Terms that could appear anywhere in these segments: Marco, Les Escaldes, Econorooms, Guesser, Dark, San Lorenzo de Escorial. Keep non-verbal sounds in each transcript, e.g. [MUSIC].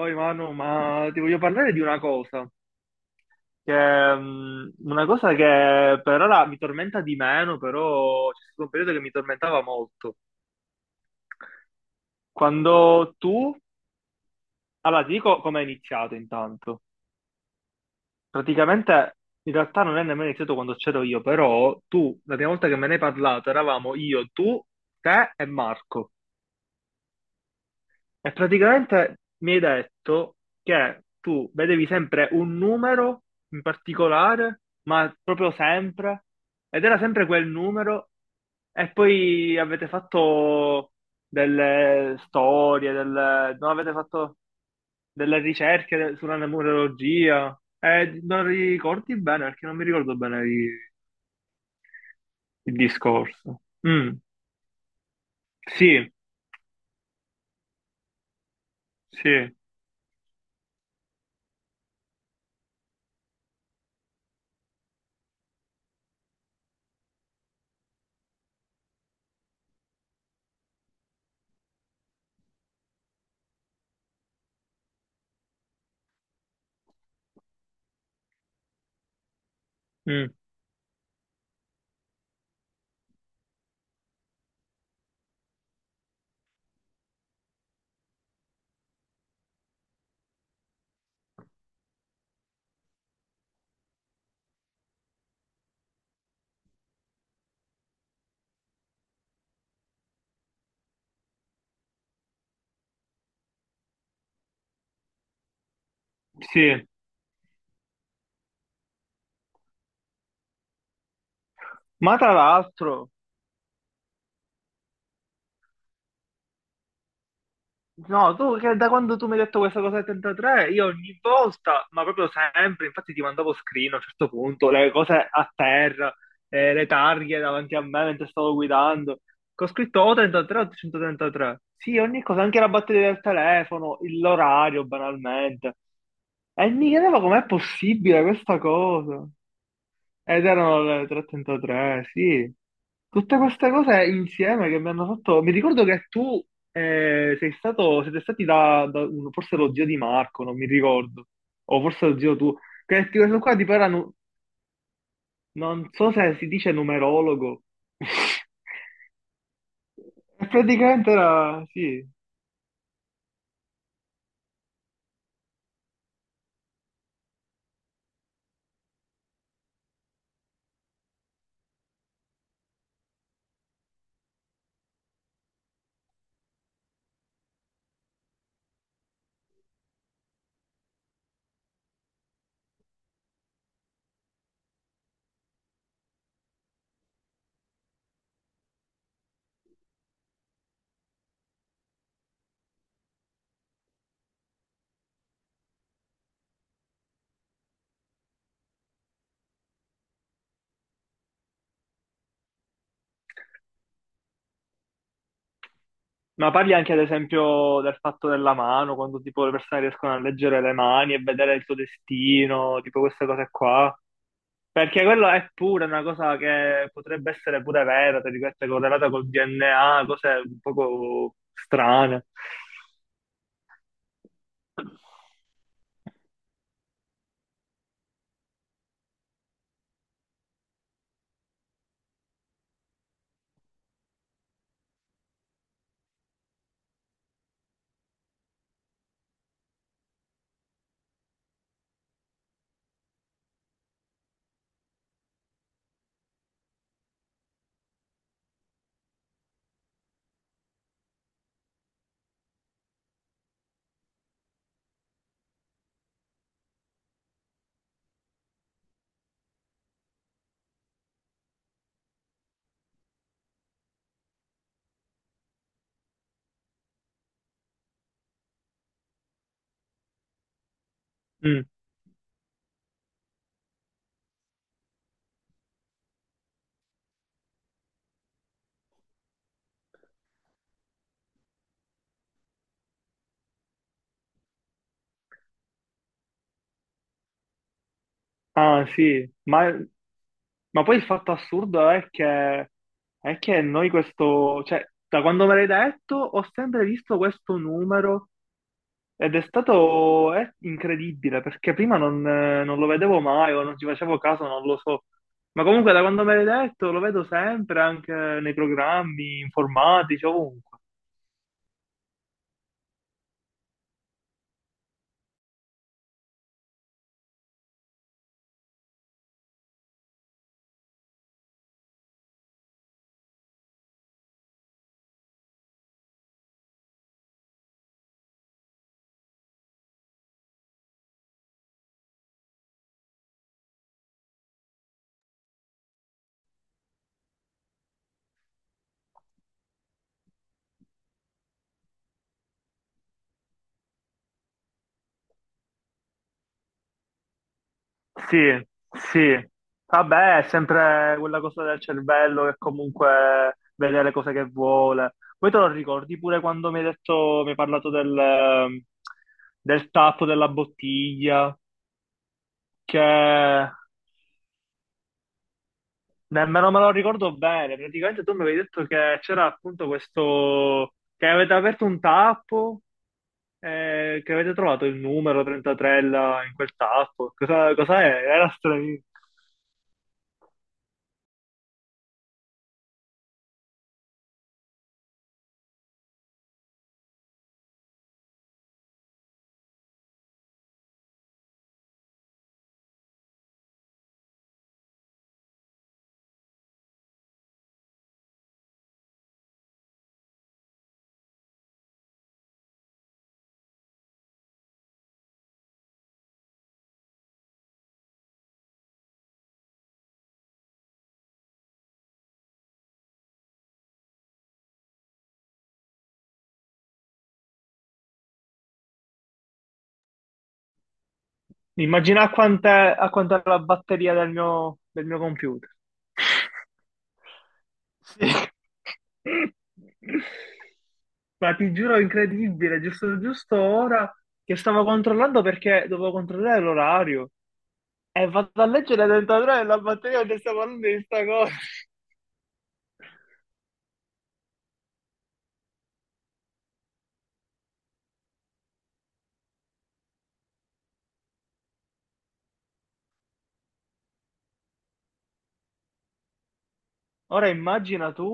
Oi Manu, ma ti voglio parlare di una cosa che, è una cosa che per ora mi tormenta di meno, però c'è stato un periodo che mi tormentava molto. Quando tu, allora ti dico come è iniziato intanto. Praticamente in realtà non è nemmeno iniziato quando c'ero io, però tu, la prima volta che me ne hai parlato, eravamo io, tu, te e Marco. E praticamente mi hai detto che tu vedevi sempre un numero in particolare, ma proprio sempre, ed era sempre quel numero, e poi avete fatto delle storie, delle, no, avete fatto delle ricerche sulla numerologia, e non ricordi bene, perché non mi ricordo bene il, discorso. Mm, sì, sì, mm, sì. Ma tra l'altro... No, tu che da quando tu mi hai detto questa cosa del 33, io ogni volta, ma proprio sempre, infatti ti mandavo screen a un certo punto, le cose a terra, le targhe davanti a me mentre stavo guidando, che ho scritto o 33 o 133. Sì, ogni cosa, anche la batteria del telefono, l'orario banalmente. E mi chiedevo com'è possibile questa cosa. Ed erano le 3:33, sì. Tutte queste cose insieme che mi hanno fatto... Mi ricordo che tu sei stato, siete stati da, da forse lo zio di Marco, non mi ricordo, o forse lo zio tu, che questo qua tipo era, non so se si dice numerologo, [LAUGHS] e praticamente era, sì. Ma parli anche ad esempio del fatto della mano, quando tipo le persone riescono a leggere le mani e vedere il tuo destino, tipo queste cose qua. Perché quello è pure una cosa che potrebbe essere pure vera, tra virgolette, correlata col DNA, cose un poco strane. Mm. Ah, sì, ma poi il fatto assurdo è che noi questo, cioè, da quando me l'hai detto, ho sempre visto questo numero ed è stato, è incredibile, perché prima non, non lo vedevo mai o non ci facevo caso, non lo so. Ma comunque da quando me l'hai detto lo vedo sempre anche nei programmi informatici, ovunque. Sì, sì. Vabbè, è sempre quella cosa del cervello che comunque vede le cose che vuole. Poi te lo ricordi pure quando mi hai detto, mi hai parlato del, del tappo della bottiglia, che nemmeno me lo ricordo bene. Praticamente tu mi avevi detto che c'era appunto questo, che avete aperto un tappo, che avete trovato il numero 33 là in quel tappo. Cosa, cos'è? Era stranissimo. Immagina quant'è, a quant'è la batteria del mio computer. Sì. Ma ti giuro, è incredibile, giusto, giusto ora che stavo controllando perché dovevo controllare l'orario e vado a leggere dentro della batteria che stiamo parlando di sta cosa. Ora immagina tu.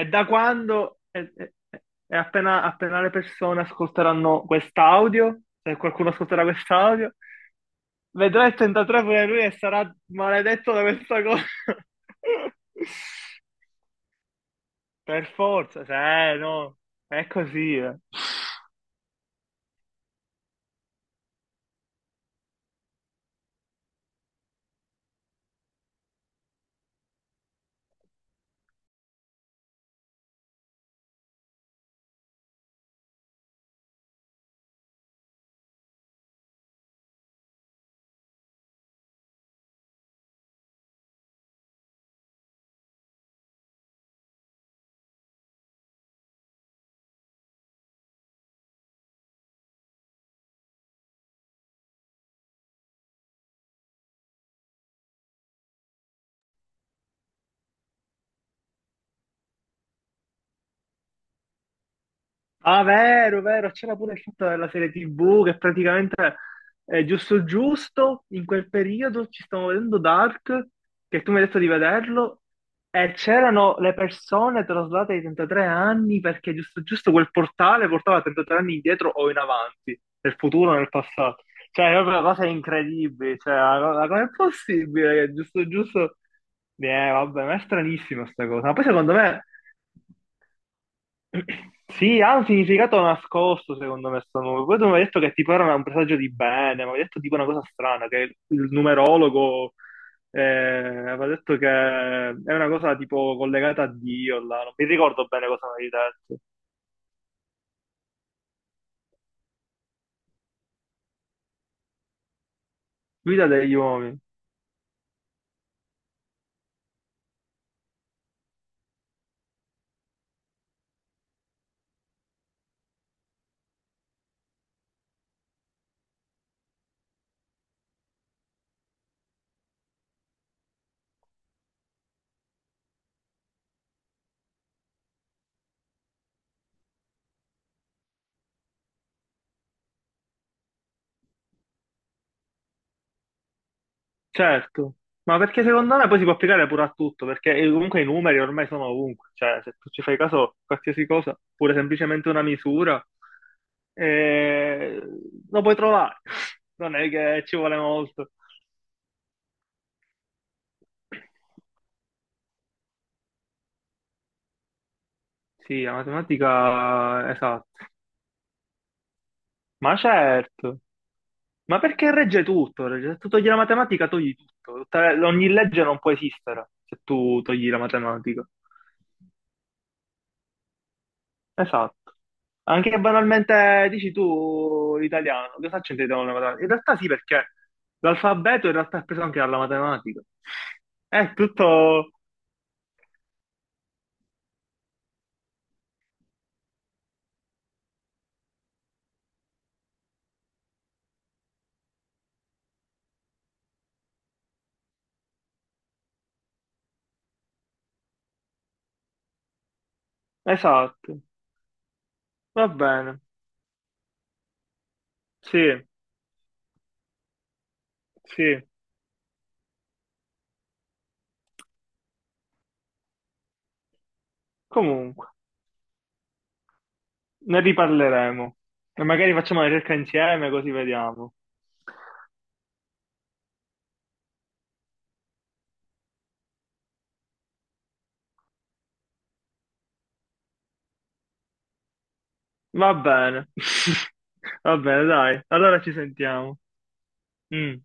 E da quando, e appena, appena le persone ascolteranno quest'audio, se qualcuno ascolterà quest'audio, vedrà il 33 pure lui e sarà maledetto da questa cosa. [LAUGHS] Per forza, cioè, no, è così, eh. Ah, vero, vero, c'era pure il fatto della serie TV che praticamente è giusto giusto, in quel periodo ci stiamo vedendo Dark, che tu mi hai detto di vederlo, e c'erano le persone traslate ai 33 anni perché giusto giusto quel portale portava 33 anni indietro o in avanti, nel futuro o nel passato. Cioè, è proprio una cosa incredibile, cioè, come è possibile che giusto giusto... vabbè, ma è stranissima sta cosa, ma poi secondo me... Sì, ha un significato nascosto, secondo me, sto numero. Poi tu mi hai detto che tipo era un presagio di bene, mi hai detto tipo una cosa strana, che il numerologo eh, aveva detto che è una cosa tipo collegata a Dio, là. Non mi ricordo bene cosa mi hai detto. Guida degli uomini. Certo, ma perché secondo me poi si può applicare pure a tutto, perché comunque i numeri ormai sono ovunque, cioè se tu ci fai caso, qualsiasi cosa, pure semplicemente una misura, eh, lo puoi trovare, [LAUGHS] non è che ci vuole molto. Sì, la matematica, esatto, ma certo, ma perché regge tutto? Se tu togli la matematica, togli tutto. Ogni legge non può esistere se tu togli la matematica. Esatto. Anche banalmente dici tu l'italiano, cosa c'entriamo con la matematica? In realtà sì, perché l'alfabeto in realtà è preso anche dalla matematica. È tutto esatto. Va bene. Sì, sì. Comunque, ne riparleremo. E magari facciamo una ricerca insieme così vediamo. Va bene. [LAUGHS] Va bene, dai. Allora ci sentiamo. Mm.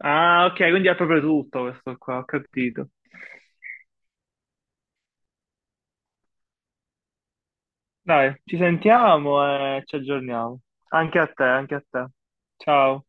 Ah, ok, quindi è proprio tutto questo qua, ho capito. Dai, ci sentiamo e ci aggiorniamo. Anche a te, anche a te. Ciao.